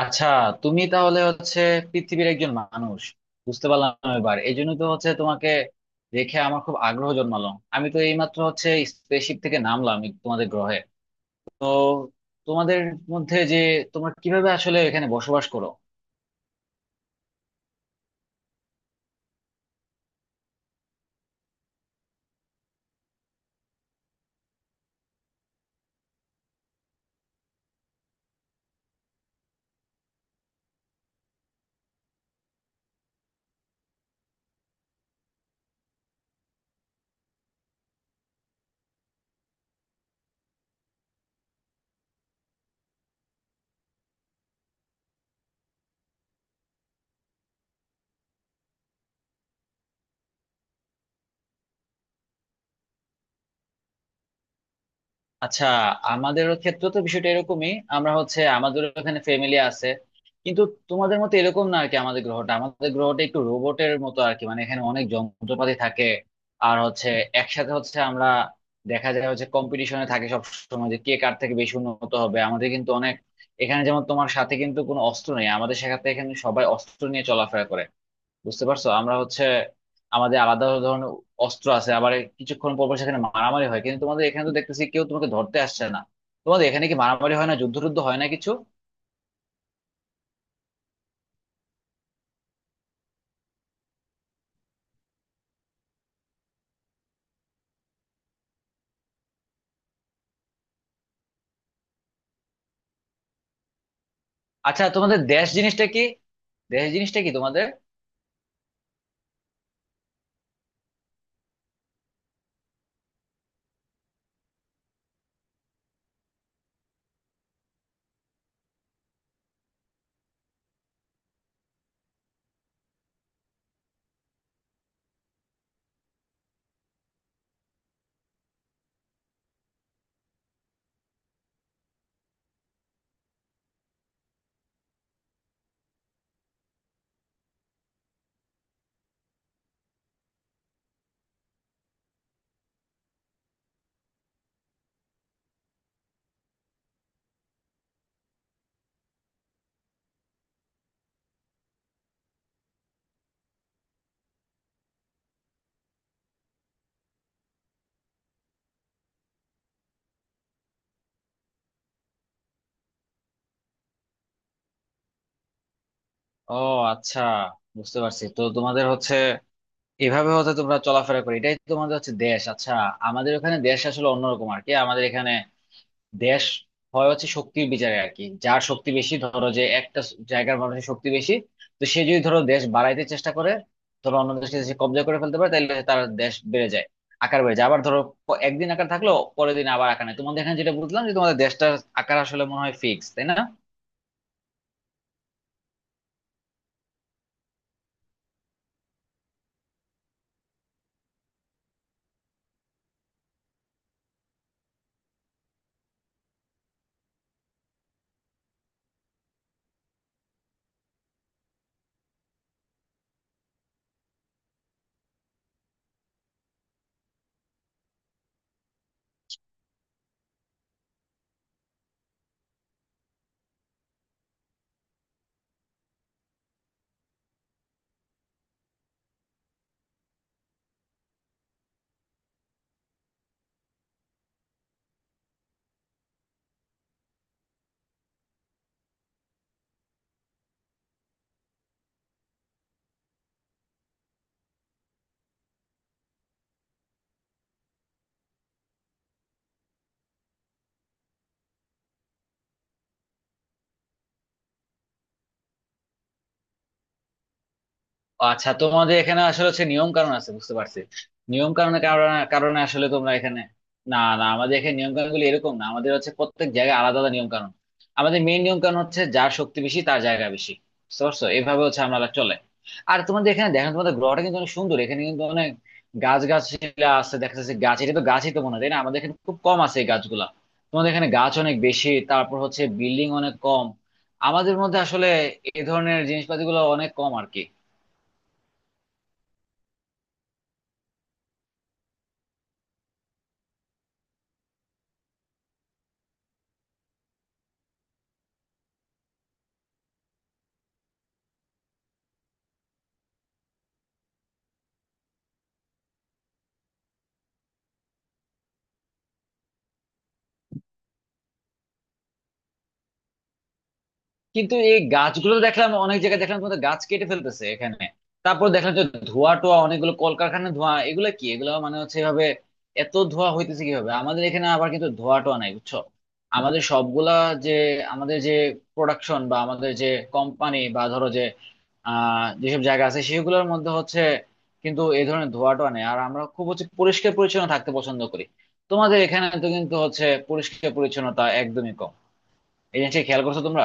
আচ্ছা, তুমি তাহলে হচ্ছে পৃথিবীর একজন মানুষ। বুঝতে পারলাম। এবার এই জন্য তো হচ্ছে তোমাকে দেখে আমার খুব আগ্রহ জন্মালো। আমি তো এইমাত্র হচ্ছে স্পেসশিপ থেকে নামলাম এই তোমাদের গ্রহে। তো তোমাদের মধ্যে যে তোমরা কিভাবে আসলে এখানে বসবাস করো? আচ্ছা, আমাদের ক্ষেত্রে তো বিষয়টা এরকমই, আমরা হচ্ছে আমাদের এখানে ফ্যামিলি আছে, কিন্তু তোমাদের মতো এরকম না আর কি। আমাদের গ্রহটা একটু রোবটের মতো আর কি, মানে এখানে অনেক যন্ত্রপাতি থাকে। আর হচ্ছে একসাথে হচ্ছে আমরা দেখা যায় হচ্ছে কম্পিটিশনে থাকে সব সময়, যে কে কার থেকে বেশি উন্নত হবে। আমাদের কিন্তু অনেক, এখানে যেমন তোমার সাথে কিন্তু কোনো অস্ত্র নেই, আমাদের সাথে এখানে সবাই অস্ত্র নিয়ে চলাফেরা করে। বুঝতে পারছো, আমরা হচ্ছে আমাদের আলাদা ধরনের অস্ত্র আছে, আবার কিছুক্ষণ পর পর সেখানে মারামারি হয়। কিন্তু তোমাদের এখানে তো দেখতেছি কেউ তোমাকে ধরতে আসছে না। তোমাদের এখানে কি মারামারি হয় না, যুদ্ধ টুদ্ধ হয় না কিছু? আচ্ছা, তোমাদের দেশ জিনিসটা কি? দেশ জিনিসটা কি তোমাদের? ও আচ্ছা, বুঝতে পারছি। তো তোমাদের হচ্ছে এভাবে হচ্ছে তোমরা চলাফেরা করো, এটাই তো তোমাদের হচ্ছে দেশ। আচ্ছা, আমাদের ওখানে দেশ আসলে অন্যরকম আর কি। আমাদের এখানে দেশ হয় হচ্ছে শক্তির বিচারে আর কি। যার শক্তি বেশি, ধরো যে একটা জায়গার মানুষের শক্তি বেশি, তো সে যদি ধরো দেশ বাড়াইতে চেষ্টা করে, ধরো অন্য দেশকে যদি সে কব্জা করে ফেলতে পারে, তাহলে তার দেশ বেড়ে যায়, আকার বেড়ে যায়। আবার ধরো একদিন আকার থাকলো, পরের দিন আবার আকার নেই। তোমাদের এখানে যেটা বুঝলাম যে তোমাদের দেশটার আকার আসলে মনে হয় ফিক্স, তাই না? আচ্ছা, তোমাদের এখানে আসলে হচ্ছে নিয়ম কানুন আছে, বুঝতে পারছি। নিয়ম কানুনের কারণে কারণে আসলে তোমরা এখানে। না না, আমাদের এখানে নিয়ম কানুন গুলো এরকম না, আমাদের হচ্ছে প্রত্যেক জায়গায় আলাদা আলাদা নিয়ম কানুন। আমাদের মেইন নিয়ম কানুন হচ্ছে যার শক্তি বেশি তার জায়গা বেশি। বুঝতে পারছো, এভাবে হচ্ছে আমরা চলে। আর তোমাদের এখানে দেখেন, তোমাদের গ্রহটা কিন্তু অনেক সুন্দর, এখানে কিন্তু অনেক গাছ, গাছগুলা আছে দেখা যাচ্ছে, গাছ এটা তো গাছই তো মনে হয়, তাই না? আমাদের এখানে খুব কম আছে এই গাছগুলা। তোমাদের এখানে গাছ অনেক বেশি, তারপর হচ্ছে বিল্ডিং অনেক কম। আমাদের মধ্যে আসলে এই ধরনের জিনিসপাতি গুলো অনেক কম আর কি। কিন্তু এই গাছগুলো দেখলাম, অনেক জায়গায় দেখলাম তোমাদের গাছ কেটে ফেলতেছে এখানে। তারপর দেখলাম যে ধোঁয়া টোয়া, অনেকগুলো কলকারখানার ধোঁয়া, এগুলো কি? এগুলো মানে হচ্ছে এভাবে এত ধোঁয়া হইতেছে কিভাবে? আমাদের এখানে আবার কিন্তু ধোঁয়া টোয়া নাই, বুঝছো? আমাদের সবগুলা যে, আমাদের যে প্রোডাকশন বা আমাদের যে কোম্পানি বা ধরো যে যেসব জায়গা আছে সেগুলোর মধ্যে হচ্ছে কিন্তু এই ধরনের ধোঁয়া টোয়া নেই। আর আমরা খুব হচ্ছে পরিষ্কার পরিচ্ছন্ন থাকতে পছন্দ করি। তোমাদের এখানে তো কিন্তু হচ্ছে পরিষ্কার পরিচ্ছন্নতা একদমই কম, এই জিনিসটা খেয়াল করছো তোমরা?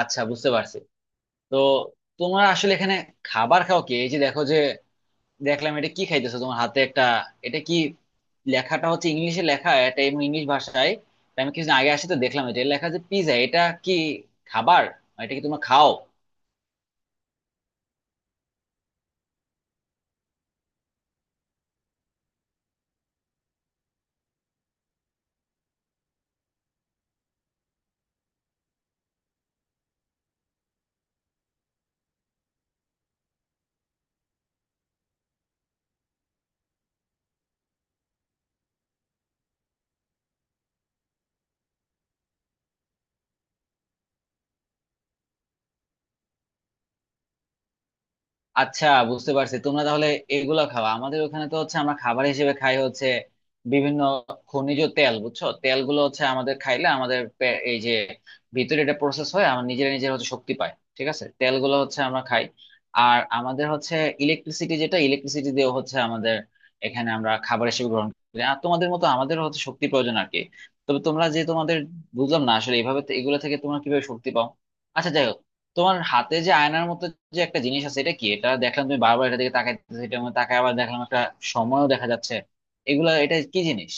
আচ্ছা বুঝতে পারছি। তো তোমার আসলে এখানে খাবার খাও কি? এই যে দেখো যে, দেখলাম, এটা কি খাইতেছো, তোমার হাতে একটা? এটা কি? লেখাটা হচ্ছে ইংলিশে লেখা, এটা এমনি ইংলিশ ভাষায়, তা আমি কিছুদিন আগে আসি তো দেখলাম, এটা এটা লেখা যে পিজা, এটা কি খাবার? এটা কি তোমরা খাও? আচ্ছা বুঝতে পারছি, তোমরা তাহলে এগুলো খাওয়া। আমাদের ওখানে তো হচ্ছে আমরা খাবার হিসেবে খাই হচ্ছে বিভিন্ন খনিজ তেল, বুঝছো? তেলগুলো হচ্ছে আমাদের খাইলে আমাদের এই যে ভিতরে এটা প্রসেস হয়, আমার নিজের নিজের হচ্ছে শক্তি পায়। ঠিক আছে, তেলগুলো হচ্ছে আমরা খাই। আর আমাদের হচ্ছে ইলেকট্রিসিটি, যেটা ইলেকট্রিসিটি দিয়ে হচ্ছে আমাদের এখানে আমরা খাবার হিসেবে গ্রহণ করি। আর তোমাদের মতো আমাদের হচ্ছে শক্তি প্রয়োজন আর কি। তবে তোমরা যে তোমাদের, বুঝলাম না আসলে এইভাবে এগুলো থেকে তোমরা কিভাবে শক্তি পাও? আচ্ছা, যাই হোক। তোমার হাতে যে আয়নার মতো যে একটা জিনিস আছে এটা কি? এটা দেখলাম তুমি বারবার এটা দিকে তাকাইতেছো, এটা মধ্যে তাকায়, আবার দেখলাম একটা সময়ও দেখা যাচ্ছে। এগুলা, এটা কি জিনিস?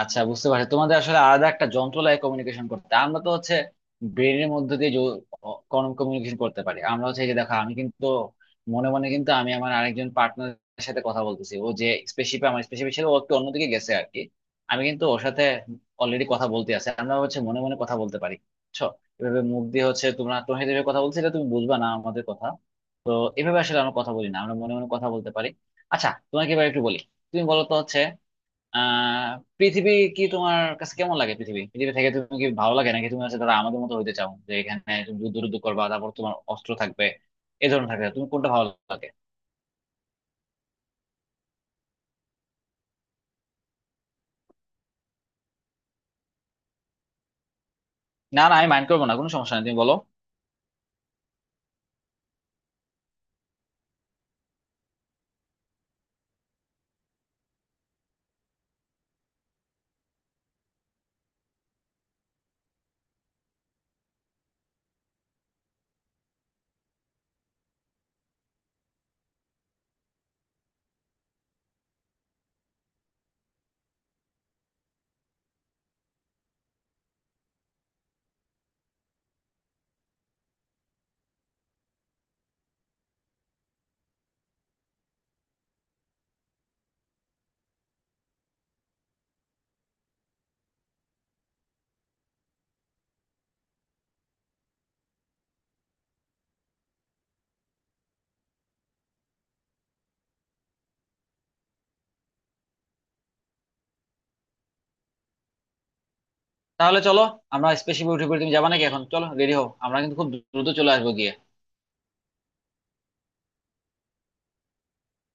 আচ্ছা বুঝতে পারছি, তোমাদের আসলে আলাদা একটা যন্ত্র লাগে কমিউনিকেশন করতে। আমরা তো হচ্ছে ব্রেনের মধ্যে দিয়ে কমিউনিকেশন করতে পারি। আমরা হচ্ছে, এই যে দেখো, আমি কিন্তু মনে মনে কিন্তু আমি আমার আরেকজন পার্টনারের সাথে কথা বলতেছি। ও যে স্পেসিফিক, আমার স্পেসিফিক ছিল, ও একটু অন্যদিকে গেছে আর কি। আমি কিন্তু ওর সাথে অলরেডি কথা বলতে আছে, আমরা হচ্ছে মনে মনে কথা বলতে পারি, বুঝছো? এভাবে মুখ দিয়ে হচ্ছে তোমরা, তোমার সাথে এভাবে কথা বলছি, এটা তুমি বুঝবা না আমাদের কথা। তো এভাবে আসলে আমরা কথা বলি না, আমরা মনে মনে কথা বলতে পারি। আচ্ছা, তোমাকে এবার একটু বলি, তুমি বলো তো হচ্ছে, আহ পৃথিবী কি তোমার কাছে কেমন লাগে? পৃথিবী, পৃথিবী থেকে তুমি কি ভালো লাগে, নাকি তুমি হচ্ছে ধরো আমাদের মতো হইতে চাও, যে এখানে তুমি যুদ্ধ টুদ্ধ করবা, তারপর তোমার অস্ত্র থাকবে, এই ধরনের থাকবে, তুমি কোনটা ভালো লাগে? না না, আমি মাইন্ড করবো না, কোনো সমস্যা নেই, তুমি বলো। তাহলে চলো, আমরা স্পেসিফিক উঠে পড়ি, তুমি যাবা নাকি? এখন চলো, রেডি হও, আমরা কিন্তু খুব দ্রুত চলে আসবো গিয়ে।